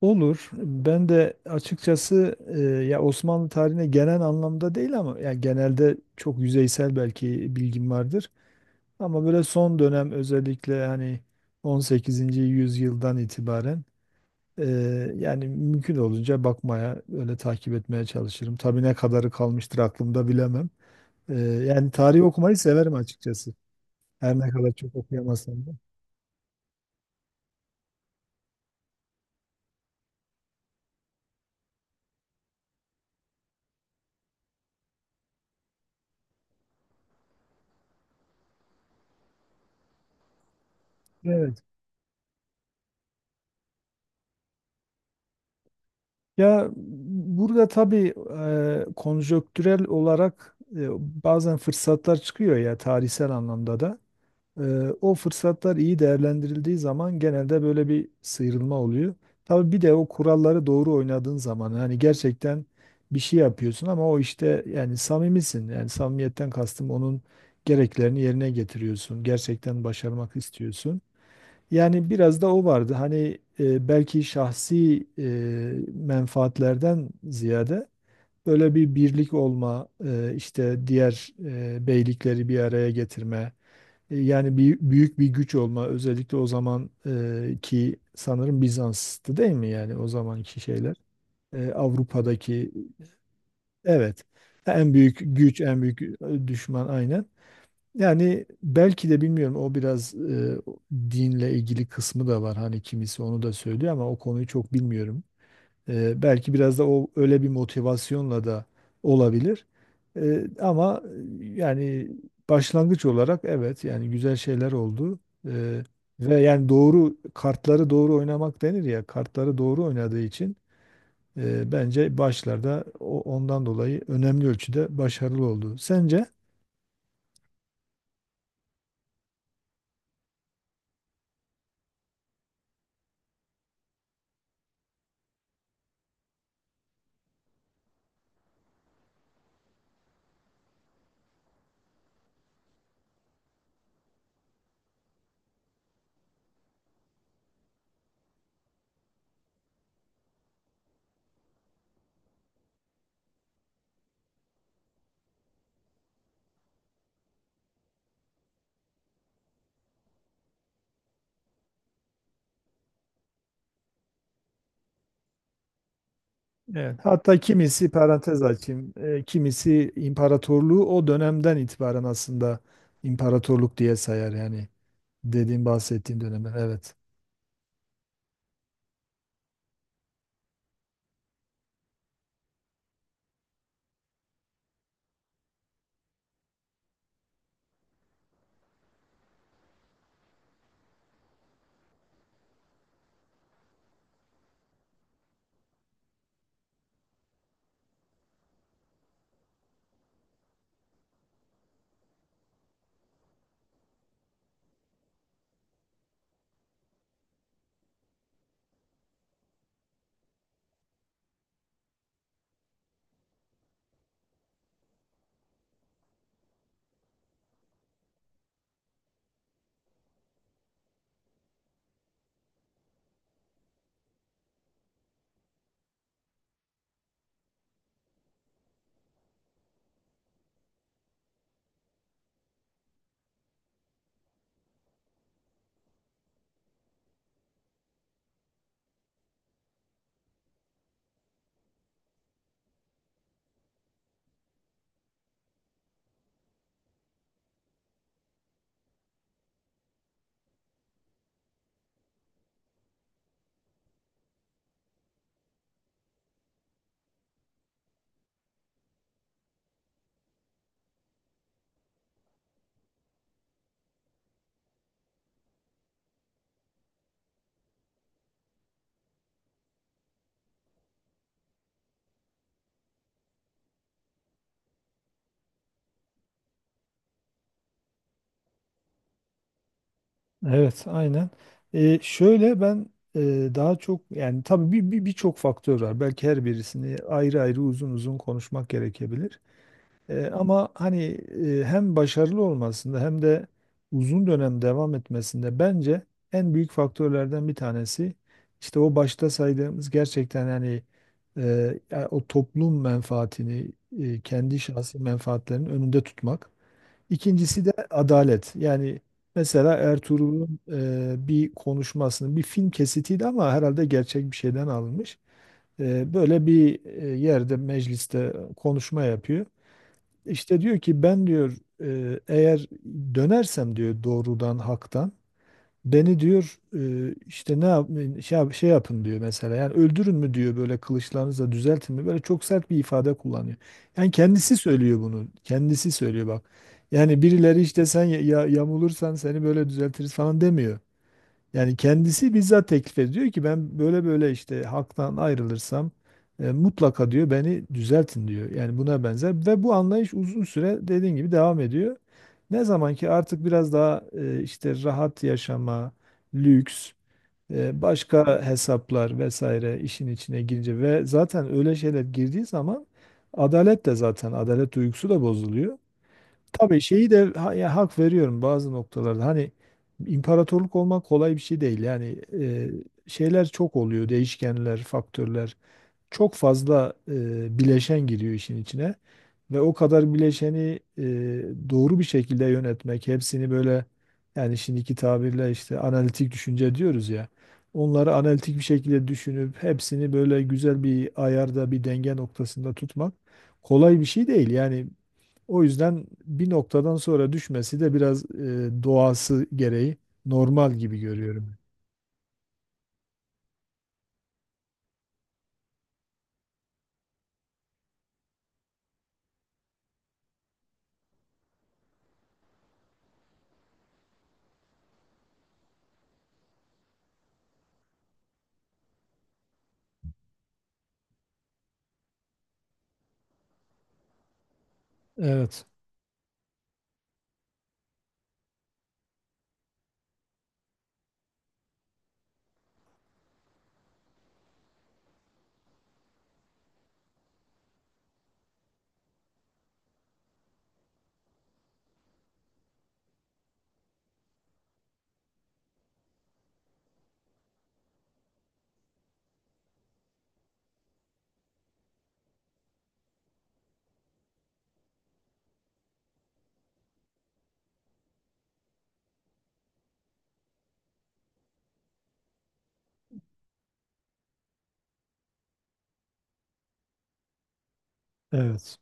Olur. Ben de açıkçası ya Osmanlı tarihine genel anlamda değil ama ya genelde çok yüzeysel belki bilgim vardır. Ama böyle son dönem özellikle hani 18. yüzyıldan itibaren e, yani mümkün olunca bakmaya, öyle takip etmeye çalışırım. Tabii ne kadarı kalmıştır aklımda bilemem. Yani tarih okumayı severim açıkçası. Her ne kadar çok okuyamasam da. Evet. Ya burada tabii konjonktürel olarak bazen fırsatlar çıkıyor ya tarihsel anlamda da. E, O fırsatlar iyi değerlendirildiği zaman genelde böyle bir sıyrılma oluyor. Tabii bir de o kuralları doğru oynadığın zaman yani gerçekten bir şey yapıyorsun ama o işte yani samimisin. Yani samimiyetten kastım onun gereklerini yerine getiriyorsun. Gerçekten başarmak istiyorsun. Yani biraz da o vardı. Hani belki şahsi menfaatlerden ziyade böyle bir birlik olma, işte diğer beylikleri bir araya getirme, yani bir, büyük bir güç olma. Özellikle o zaman ki sanırım Bizans'tı değil mi? Yani o zamanki şeyler. Avrupa'daki evet en büyük güç, en büyük düşman aynen. Yani belki de bilmiyorum o biraz dinle ilgili kısmı da var. Hani kimisi onu da söylüyor ama o konuyu çok bilmiyorum. Belki biraz da o öyle bir motivasyonla da olabilir. E, ama yani başlangıç olarak evet yani güzel şeyler oldu. E, Ve yani doğru kartları doğru oynamak denir ya kartları doğru oynadığı için bence başlarda o, ondan dolayı önemli ölçüde başarılı oldu. Sence? Evet, hatta kimisi parantez açayım, kimisi imparatorluğu o dönemden itibaren aslında imparatorluk diye sayar yani dediğim bahsettiğim dönemden. Evet, evet, aynen. Şöyle ben daha çok yani tabii bir birçok faktör var. Belki her birisini ayrı ayrı uzun uzun konuşmak gerekebilir. Ama hani hem başarılı olmasında hem de uzun dönem devam etmesinde bence en büyük faktörlerden bir tanesi işte o başta saydığımız gerçekten yani ya o toplum menfaatini kendi şahsi menfaatlerinin önünde tutmak. İkincisi de adalet. Yani mesela Ertuğrul'un bir konuşmasının bir film kesitiydi ama herhalde gerçek bir şeyden alınmış. Böyle bir yerde mecliste konuşma yapıyor. İşte diyor ki ben diyor eğer dönersem diyor doğrudan haktan beni diyor işte ne yap, şey, yap- şey yapın diyor mesela yani öldürün mü diyor böyle kılıçlarınızla düzeltin mi böyle çok sert bir ifade kullanıyor. Yani kendisi söylüyor bunu kendisi söylüyor bak yani birileri işte sen ya, ya- yamulursan seni böyle düzeltiriz falan demiyor. Yani kendisi bizzat teklif ediyor ki ben böyle böyle işte halktan ayrılırsam mutlaka diyor beni düzeltin diyor. Yani buna benzer ve bu anlayış uzun süre dediğin gibi devam ediyor. Ne zaman ki artık biraz daha işte rahat yaşama, lüks, başka hesaplar vesaire işin içine girince ve zaten öyle şeyler girdiği zaman adalet de zaten adalet duygusu da bozuluyor. Tabii şeyi de ha- ya hak veriyorum bazı noktalarda. Hani imparatorluk olmak kolay bir şey değil. Yani şeyler çok oluyor, değişkenler, faktörler. Çok fazla bileşen giriyor işin içine. Ve o kadar bileşeni doğru bir şekilde yönetmek, hepsini böyle yani şimdiki tabirle işte analitik düşünce diyoruz ya. Onları analitik bir şekilde düşünüp hepsini böyle güzel bir ayarda, bir denge noktasında tutmak kolay bir şey değil. Yani o yüzden bir noktadan sonra düşmesi de biraz doğası gereği normal gibi görüyorum. Evet, evet,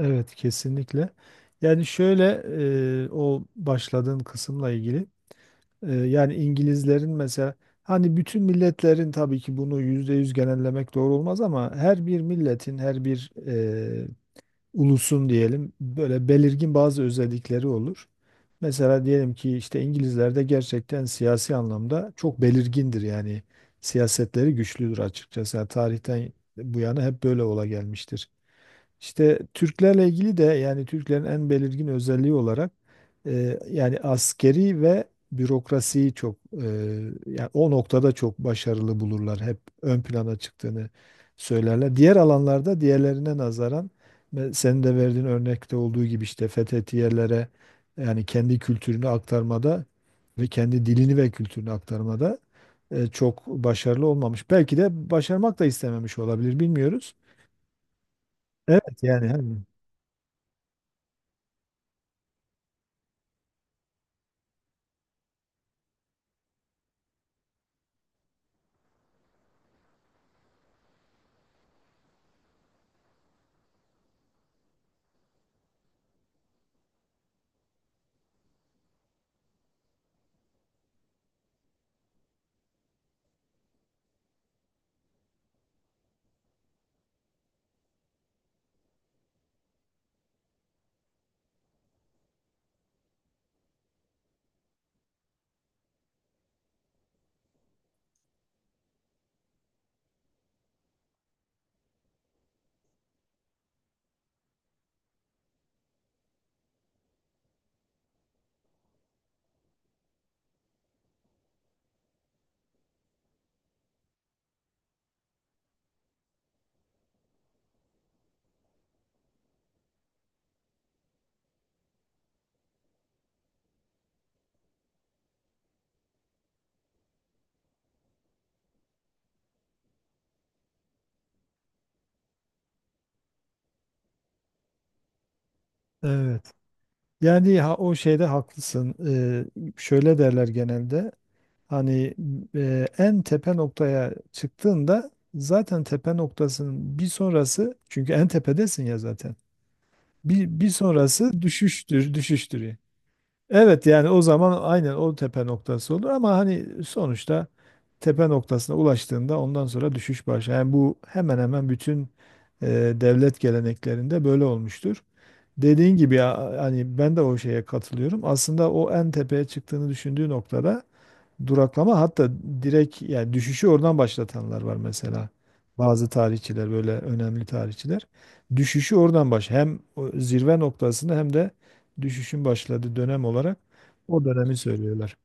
evet kesinlikle. Yani şöyle o başladığın kısımla ilgili yani İngilizlerin mesela hani bütün milletlerin tabii ki bunu yüzde yüz genellemek doğru olmaz ama her bir milletin her bir ulusun diyelim böyle belirgin bazı özellikleri olur. Mesela diyelim ki işte İngilizler de gerçekten siyasi anlamda çok belirgindir yani siyasetleri güçlüdür açıkçası. Yani tarihten bu yana hep böyle ola gelmiştir. İşte Türklerle ilgili de yani Türklerin en belirgin özelliği olarak yani askeri ve bürokrasiyi çok yani o noktada çok başarılı bulurlar. Hep ön plana çıktığını söylerler. Diğer alanlarda diğerlerine nazaran ve senin de verdiğin örnekte olduğu gibi işte fethetiyelere yani kendi kültürünü aktarmada ve kendi dilini ve kültürünü aktarmada çok başarılı olmamış. Belki de başarmak da istememiş olabilir bilmiyoruz. Evet yani hani. Evet. Yani ha, o şeyde haklısın. Şöyle derler genelde. Hani en tepe noktaya çıktığında zaten tepe noktasının bir sonrası çünkü en tepedesin ya zaten. Bir sonrası düşüştür. Evet yani o zaman aynen o tepe noktası olur ama hani sonuçta tepe noktasına ulaştığında ondan sonra düşüş başlar. Yani bu hemen hemen bütün e, devlet geleneklerinde böyle olmuştur. Dediğin gibi ya hani ben de o şeye katılıyorum. Aslında o en tepeye çıktığını düşündüğü noktada duraklama hatta direkt yani düşüşü oradan başlatanlar var mesela. Bazı tarihçiler böyle önemli tarihçiler düşüşü oradan baş hem o zirve noktasını hem de düşüşün başladığı dönem olarak o dönemi söylüyorlar.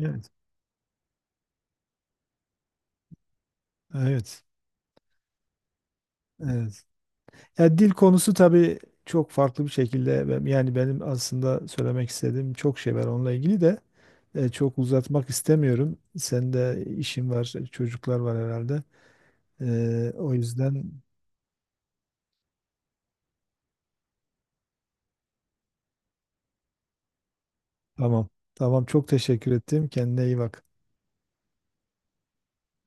Evet. Evet. Evet. Ya dil konusu tabii çok farklı bir şekilde ben- yani benim aslında söylemek istediğim çok şey var onunla ilgili de çok uzatmak istemiyorum. Senin de işin var, çocuklar var herhalde. O yüzden tamam. Tamam çok teşekkür ettim. Kendine iyi bak.